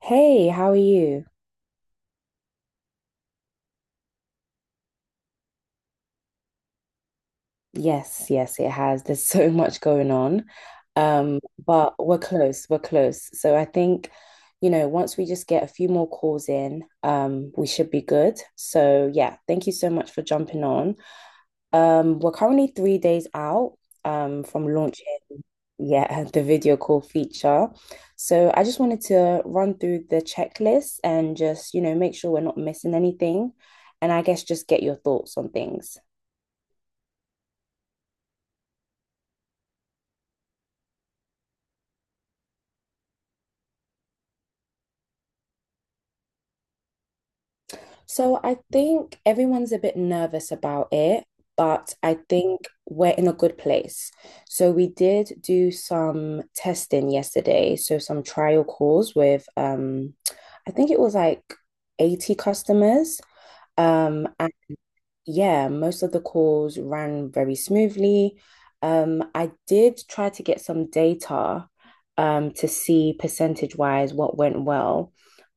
Hey, how are you? Yes, yes, it has. There's so much going on. Um, but we're close, we're close. So I think, you know, once we just get a few more calls in, we should be good. So yeah, thank you so much for jumping on. We're currently 3 days out, from launching, yeah, the video call feature. So I just wanted to run through the checklist and just, make sure we're not missing anything. And I guess just get your thoughts on things. So I think everyone's a bit nervous about it, but I think we're in a good place. So we did do some testing yesterday, so some trial calls with I think it was like 80 customers. And yeah, most of the calls ran very smoothly. I did try to get some data to see percentage wise what went well,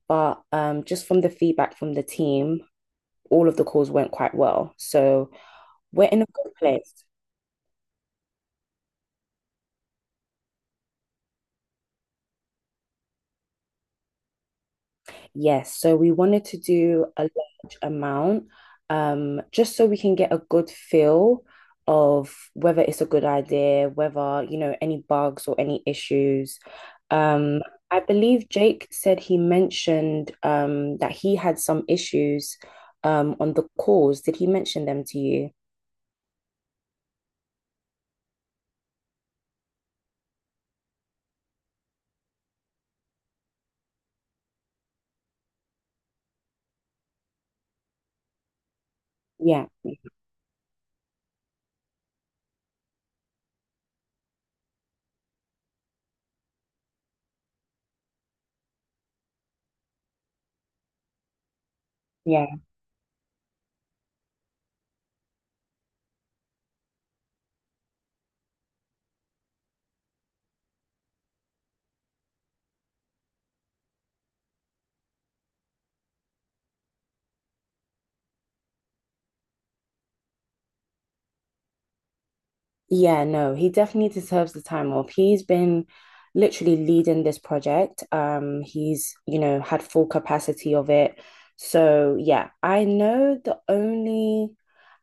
but just from the feedback from the team all of the calls went quite well. So we're in a good place. Yes. So we wanted to do a large amount, just so we can get a good feel of whether it's a good idea, whether, you know, any bugs or any issues. Um, I believe Jake said he mentioned, that he had some issues, on the calls. Did he mention them to you? Yeah. Yeah. Yeah, no, he definitely deserves the time off. He's been literally leading this project. He's, you know, had full capacity of it. So, yeah,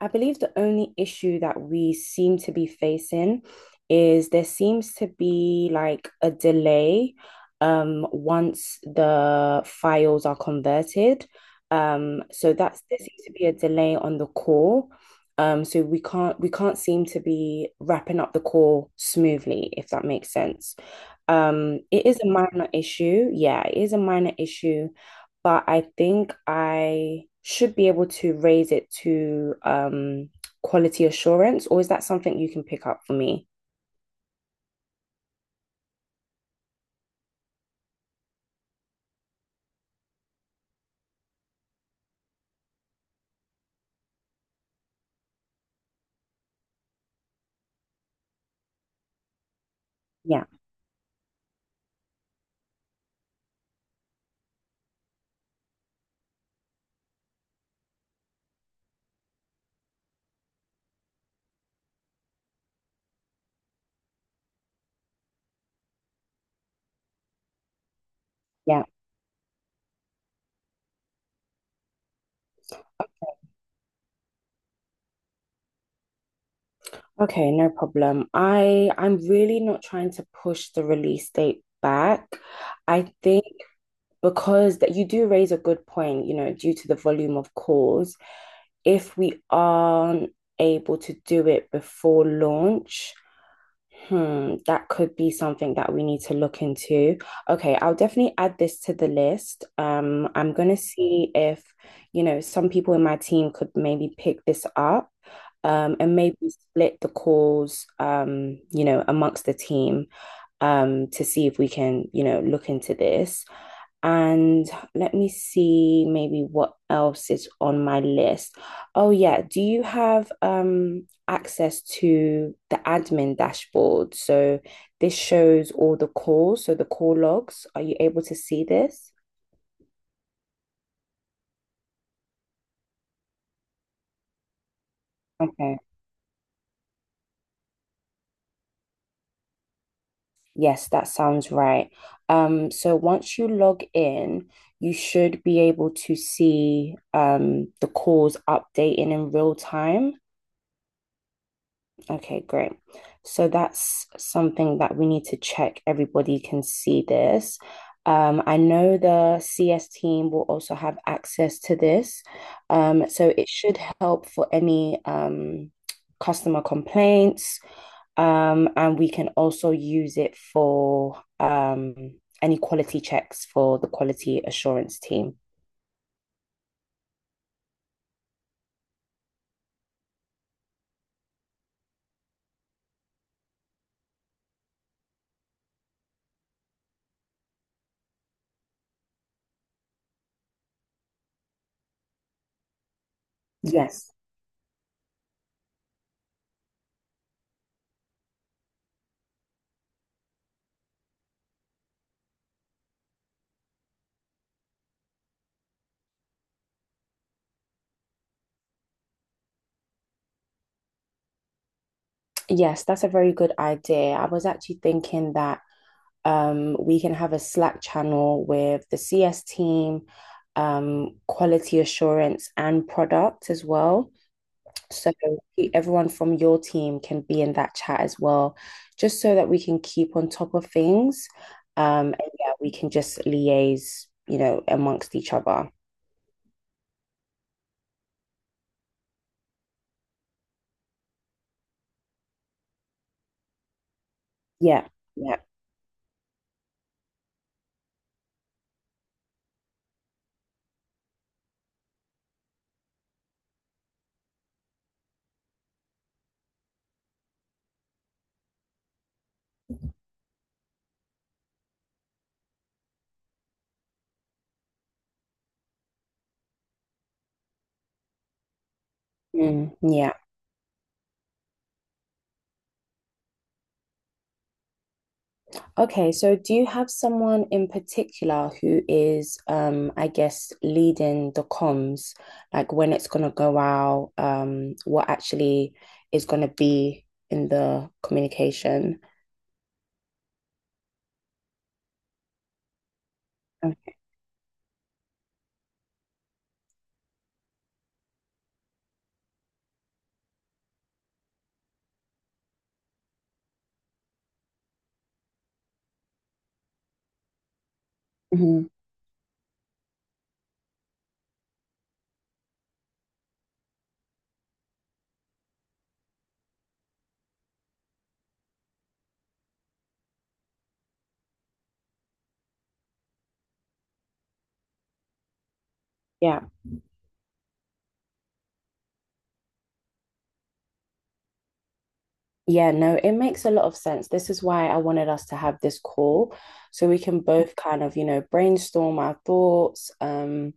I believe the only issue that we seem to be facing is there seems to be like a delay, once the files are converted. So that's there seems to be a delay on the core. So we can't seem to be wrapping up the call smoothly, if that makes sense. It is a minor issue. Yeah, it is a minor issue, but I think I should be able to raise it to quality assurance, or is that something you can pick up for me? Yeah, yeah. Okay, no problem. I'm really not trying to push the release date back. I think because that, you do raise a good point, you know, due to the volume of calls. If we aren't able to do it before launch, hmm, that could be something that we need to look into. Okay, I'll definitely add this to the list. I'm gonna see if, you know, some people in my team could maybe pick this up, and maybe split the calls, you know, amongst the team, to see if we can, you know, look into this. And let me see maybe what else is on my list. Oh yeah, do you have access to the admin dashboard? So this shows all the calls, so the call logs. Are you able to see this? Okay. Yes, that sounds right. So once you log in, you should be able to see, the calls updating in real time. Okay, great. So that's something that we need to check. Everybody can see this. I know the CS team will also have access to this. So it should help for any, customer complaints. And we can also use it for, any quality checks for the quality assurance team. Yes. Yes, that's a very good idea. I was actually thinking that we can have a Slack channel with the CS team, quality assurance, and product as well. So everyone from your team can be in that chat as well, just so that we can keep on top of things. And yeah, we can just liaise, you know, amongst each other. Yeah, yeah. Mm, yeah. Okay, so do you have someone in particular who is, I guess, leading the comms, like when it's gonna go out, what actually is gonna be in the communication? Okay. Mhm. Yeah. Yeah, no, it makes a lot of sense. This is why I wanted us to have this call so we can both kind of, you know, brainstorm our thoughts,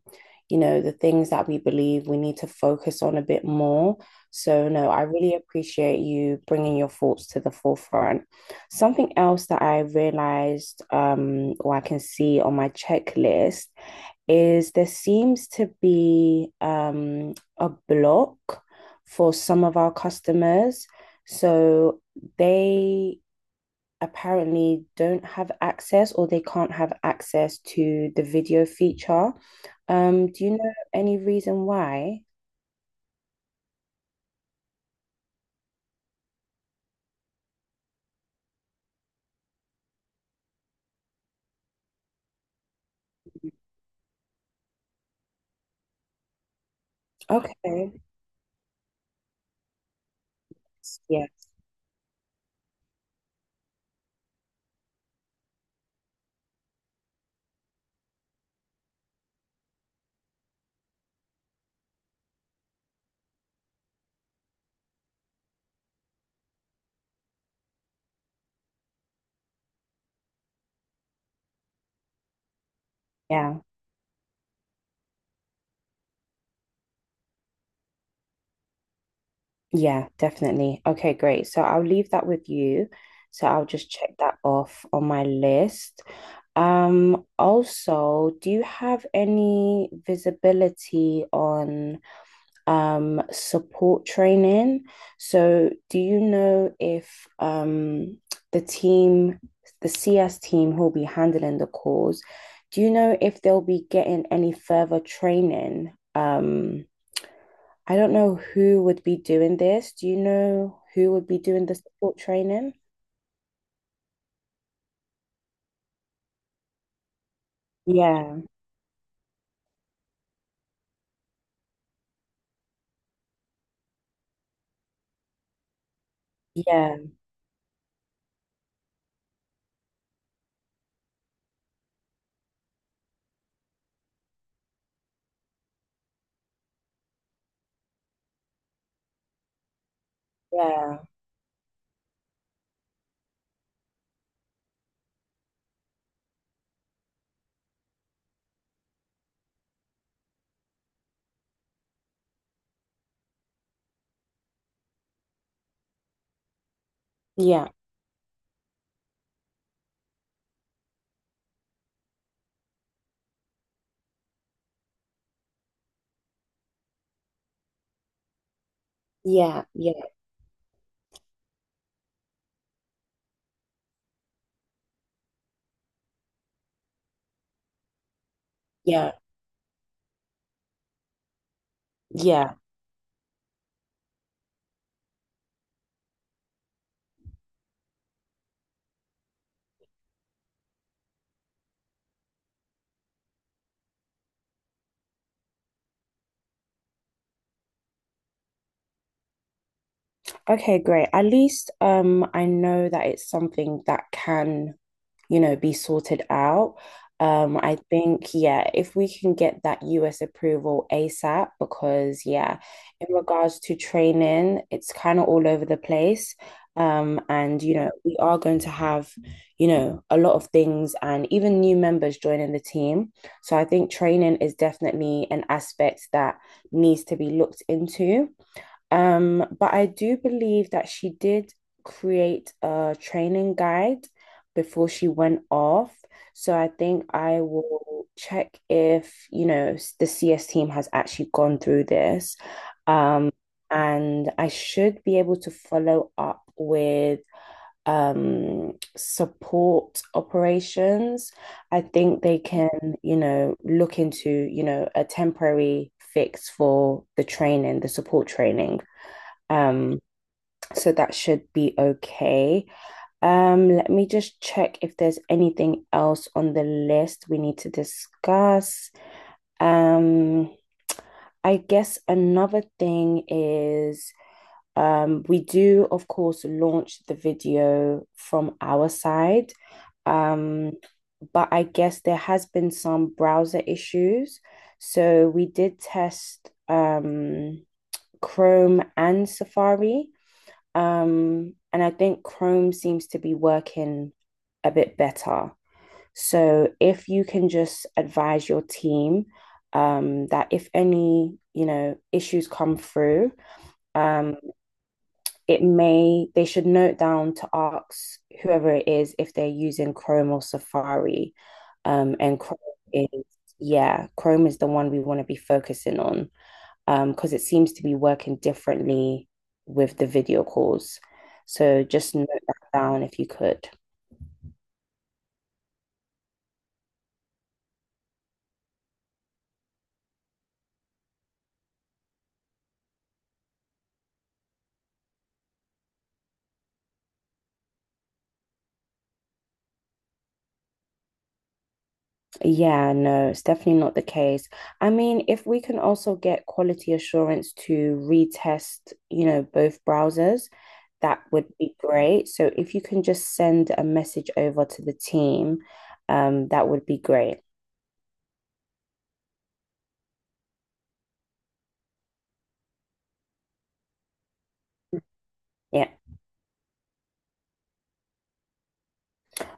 you know, the things that we believe we need to focus on a bit more. So, no, I really appreciate you bringing your thoughts to the forefront. Something else that I realized, or I can see on my checklist is there seems to be, a block for some of our customers. So they apparently don't have access or they can't have access to the video feature. Do you know any reason why? Okay. Yes. Yeah. Yeah, definitely. Okay, great. So I'll leave that with you. So I'll just check that off on my list. Also, do you have any visibility on support training? So do you know if the team, the CS team who'll be handling the calls, do you know if they'll be getting any further training? I don't know who would be doing this. Do you know who would be doing the support training? Yeah, yeah, yeah, yeah, yeah, yeah, yeah, yeah. Okay, great. At least I know that it's something that can, you know, be sorted out. I think, yeah, if we can get that US approval ASAP, because, yeah, in regards to training, it's kind of all over the place. And, you know, we are going to have, you know, a lot of things and even new members joining the team. So I think training is definitely an aspect that needs to be looked into. But I do believe that she did create a training guide before she went off. So I think I will check if, you know, the CS team has actually gone through this. Um, and I should be able to follow up with support operations. I think they can, you know, look into, you know, a temporary fix for the training, the support training, um, so that should be okay. Let me just check if there's anything else on the list we need to discuss. Um, I guess another thing is, we do, of course, launch the video from our side. Um, but I guess there has been some browser issues. So we did test, Chrome and Safari. And I think Chrome seems to be working a bit better. So if you can just advise your team, that if any, you know, issues come through, um, it may they should note down to ask whoever it is if they're using Chrome or Safari. And Chrome is, yeah, Chrome is the one we want to be focusing on, because it seems to be working differently with the video calls. So just note that down if you could. Yeah, no, it's definitely not the case. I mean, if we can also get quality assurance to retest, you know, both browsers, that would be great. So if you can just send a message over to the team, that would be great. Yeah.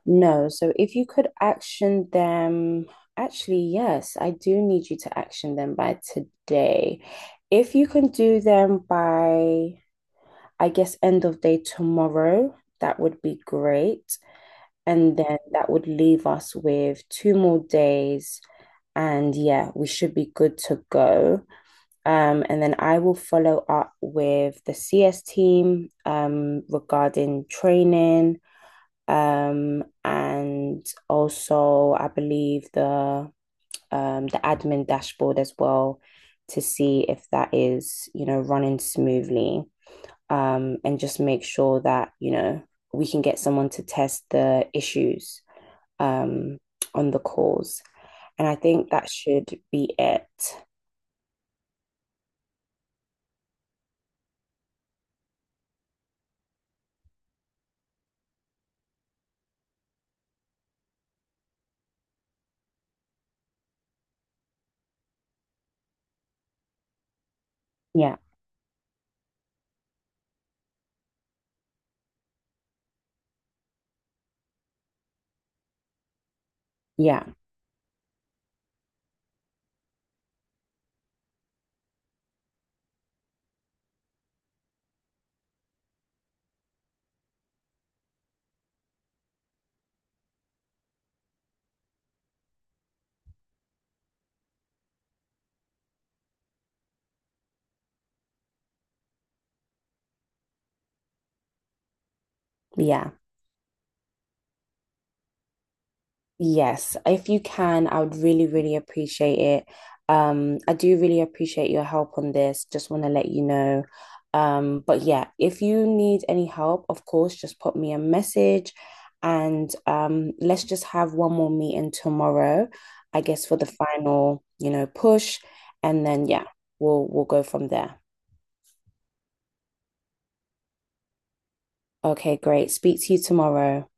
No, so if you could action them, actually, yes, I do need you to action them by today. If you can do them by, I guess, end of day tomorrow, that would be great. And then that would leave us with two more days. And yeah, we should be good to go. And then I will follow up with the CS team, regarding training, and also I believe the admin dashboard as well to see if that is, you know, running smoothly. And just make sure that, you know, we can get someone to test the issues um on the calls. And I think that should be it. Yeah, yeah, yeah. Yes, if you can, I would really, really appreciate it. I do really appreciate your help on this. Just want to let you know. But yeah, if you need any help, of course, just pop me a message and, let's just have one more meeting tomorrow, I guess for the final, you know, push. And then yeah, we'll go from there. Okay, great. Speak to you tomorrow.